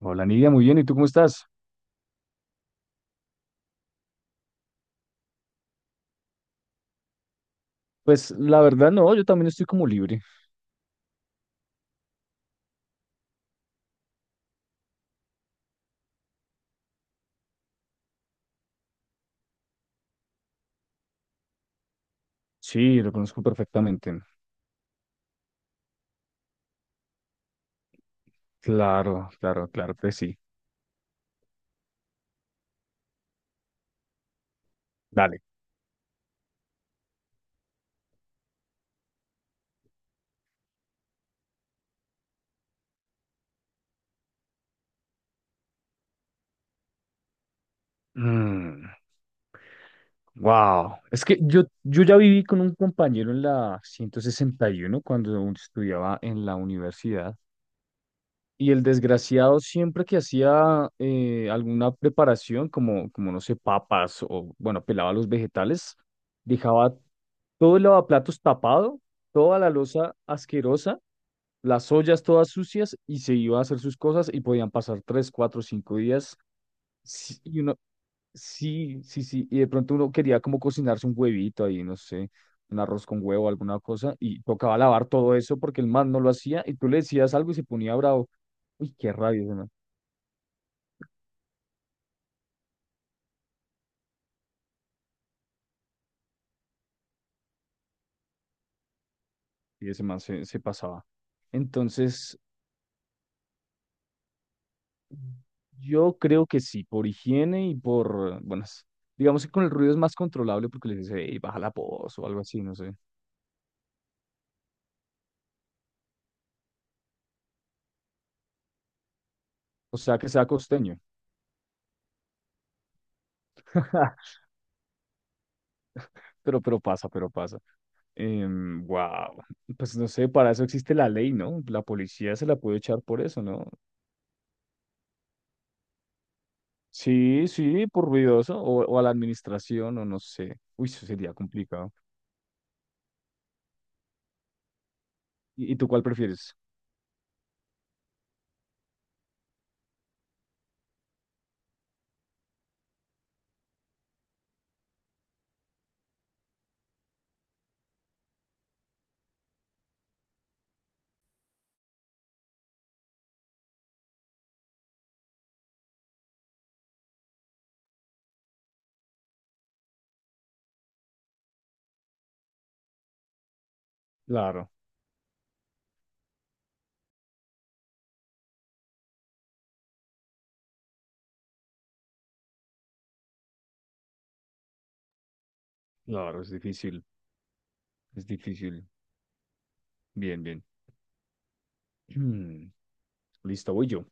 Hola Nidia, muy bien. ¿Y tú cómo estás? Pues la verdad no, yo también estoy como libre. Sí, lo conozco perfectamente. Claro, claro, claro que sí. Dale. Wow. Es que yo ya viví con un compañero en la 161 cuando aún estudiaba en la universidad. Y el desgraciado siempre que hacía alguna preparación, como no sé, papas o, bueno, pelaba los vegetales, dejaba todo el lavaplatos tapado, toda la loza asquerosa, las ollas todas sucias y se iba a hacer sus cosas y podían pasar 3, 4, 5 días. Sí, y uno, sí, sí, sí. Y de pronto uno quería como cocinarse un huevito ahí, no sé, un arroz con huevo, alguna cosa, y tocaba lavar todo eso porque el man no lo hacía y tú le decías algo y se ponía bravo. Uy, qué rabia ese man. Y ese man se pasaba. Entonces, yo creo que sí, por higiene y por, bueno, digamos que con el ruido es más controlable porque le dice, hey, baja la voz o algo así, no sé. O sea, que sea costeño. Pero pasa, pero pasa. Wow. Pues no sé, para eso existe la ley, ¿no? La policía se la puede echar por eso, ¿no? Sí, sí, por ruidoso, o a la administración, o no sé. Uy, eso sería complicado. ¿Y tú cuál prefieres? Claro, claro, es difícil, es difícil. Bien, bien. Hmm. Listo, voy yo.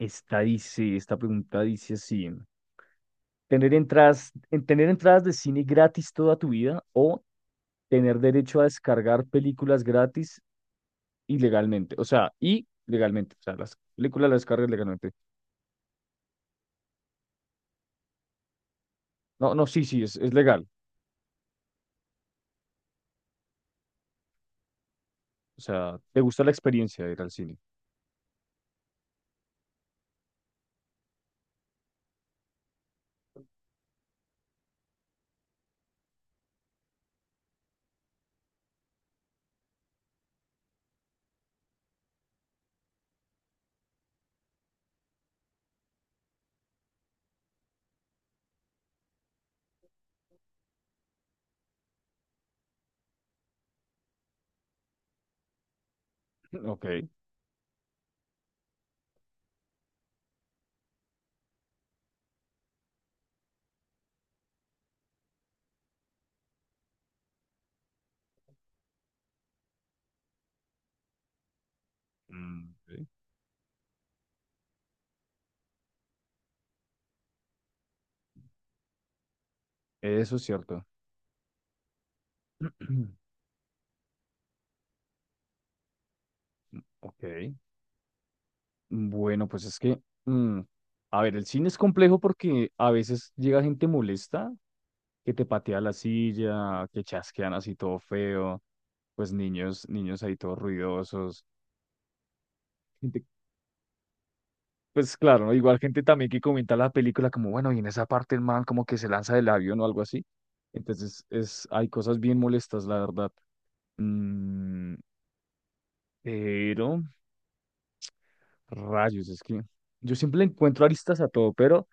Esta dice, esta pregunta dice así. ¿Tener entradas, tener entradas de cine gratis toda tu vida o tener derecho a descargar películas gratis ilegalmente, o sea, y legalmente, o sea, las películas las descargas legalmente. No, no, sí, sí, es legal. O sea, te gusta la experiencia de ir al cine. Ok. Ok. Eso es cierto. Ok. Bueno, pues es que, a ver, el cine es complejo porque a veces llega gente molesta que te patea la silla, que chasquean así todo feo, pues niños, niños ahí todos ruidosos. Pues claro, ¿no? Igual gente también que comenta la película como, bueno, y en esa parte el man como que se lanza del avión o algo así. Entonces, es, hay cosas bien molestas, la verdad. Mm, pero, rayos, es que yo siempre le encuentro aristas a todo, pero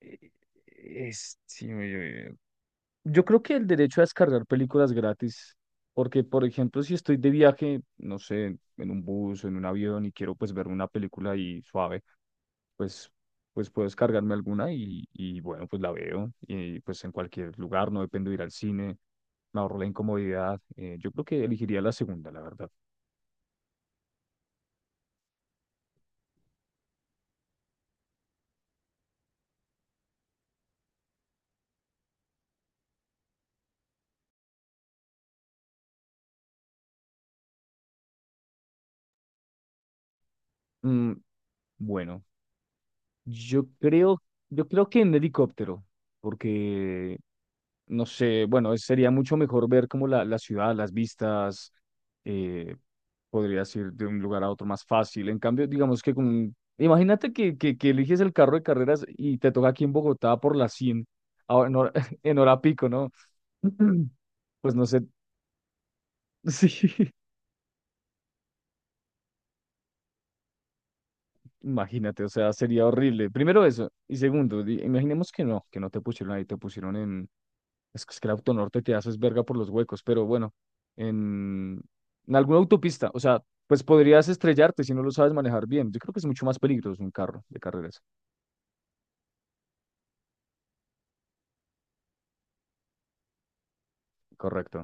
eh, es, sí, yo creo que el derecho a descargar películas gratis, porque, por ejemplo, si estoy de viaje, no sé, en un bus o en un avión y quiero pues ver una película ahí suave, pues, pues puedo descargarme alguna y bueno, pues la veo y pues en cualquier lugar, no dependo de ir al cine, me ahorro la incomodidad. Yo creo que elegiría la segunda, la verdad. Mm, bueno, yo creo, yo creo que en helicóptero, porque no sé, bueno, sería mucho mejor ver como la ciudad, las vistas, eh, podrías ir de un lugar a otro más fácil. En cambio, digamos que con, imagínate que, que eliges el carro de carreras y te toca aquí en Bogotá por las 100 ahora en hora, en hora pico, ¿no? Pues no sé, sí, imagínate, o sea, sería horrible. Primero eso, y segundo, imaginemos que no te pusieron ahí, te pusieron en... es que el autonorte te haces verga por los huecos, pero bueno, en, en alguna autopista, o sea, pues podrías estrellarte si no lo sabes manejar bien. Yo creo que es mucho más peligroso un carro de carreras. Correcto.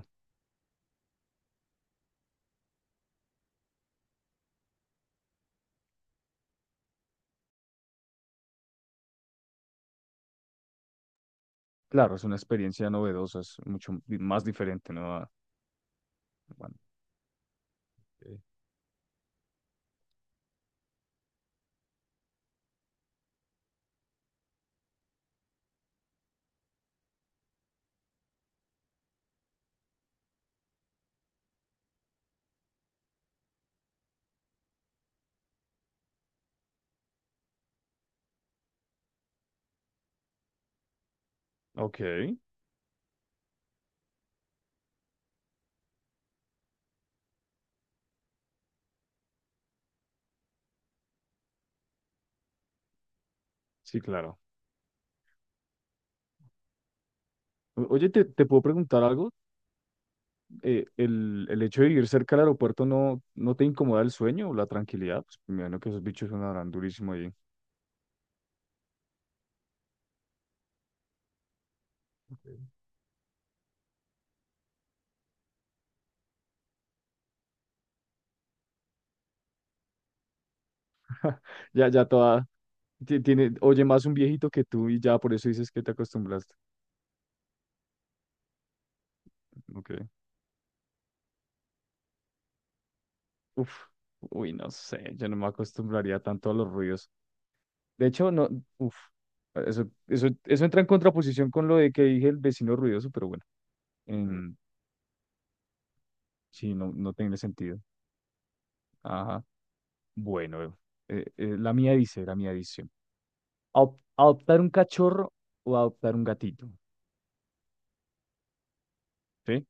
Claro, es una experiencia novedosa, es mucho más diferente, ¿no? A... Bueno, eh, ok, sí, claro. O- Oye, ¿te puedo preguntar algo? El hecho de vivir cerca del aeropuerto no, ¿no te incomoda el sueño o la tranquilidad? Pues, me imagino que esos bichos sonarán durísimo ahí. Ya, ya toda, Ti- tiene, oye más un viejito que tú y ya por eso dices que te acostumbraste. Ok. Uf, uy, no sé, yo no me acostumbraría tanto a los ruidos. De hecho, no, uf, eso entra en contraposición con lo de que dije el vecino ruidoso, pero bueno, Mm. em, sí, no, no tiene sentido. Ajá, bueno, la mía dice, la mía dice: adoptar un cachorro o adoptar un gatito, ¿sí?"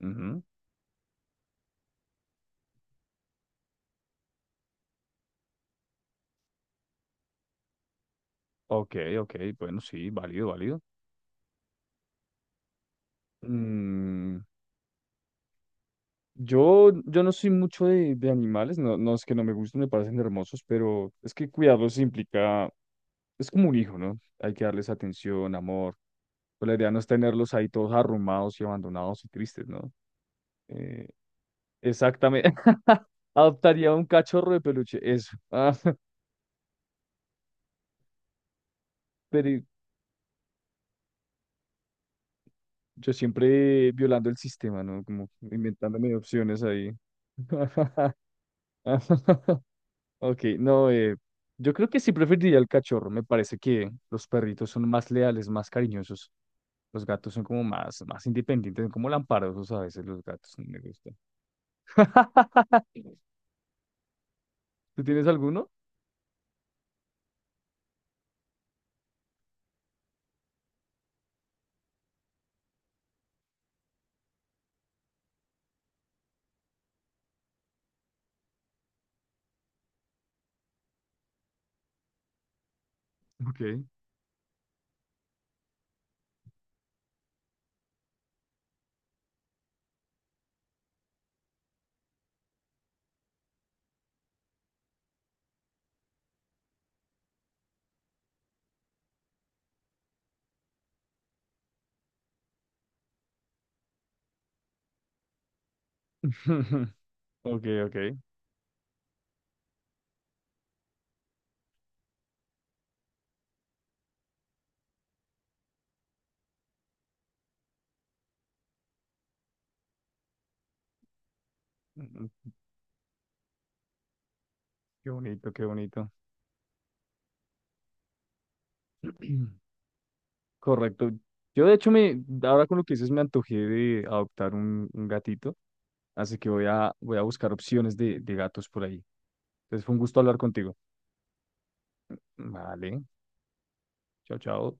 Ujú. Ok, ok, bueno, sí, válido, válido. Mm, yo no soy mucho de animales, no, no es que no me gusten, me parecen hermosos, pero es que cuidarlos implica, es como un hijo, ¿no? Hay que darles atención, amor. Pues la idea no es tenerlos ahí todos arrumados y abandonados y tristes, ¿no? Eh, exactamente. Adoptaría un cachorro de peluche, eso. Ah, pero yo siempre violando el sistema, ¿no? Como inventándome opciones ahí. Ok, no, yo creo que sí preferiría el cachorro. Me parece que los perritos son más leales, más cariñosos. Los gatos son como más, más independientes, son como lamparosos a veces los gatos. No me gustan. ¿Tú tienes alguno? Ok. Ok, ok. Mm, mm, qué bonito, qué bonito. Correcto. Yo de hecho me, ahora con lo que dices me antojé de adoptar un gatito, así que voy a, voy a buscar opciones de gatos por ahí. Entonces fue un gusto hablar contigo. Vale. Chao, chao.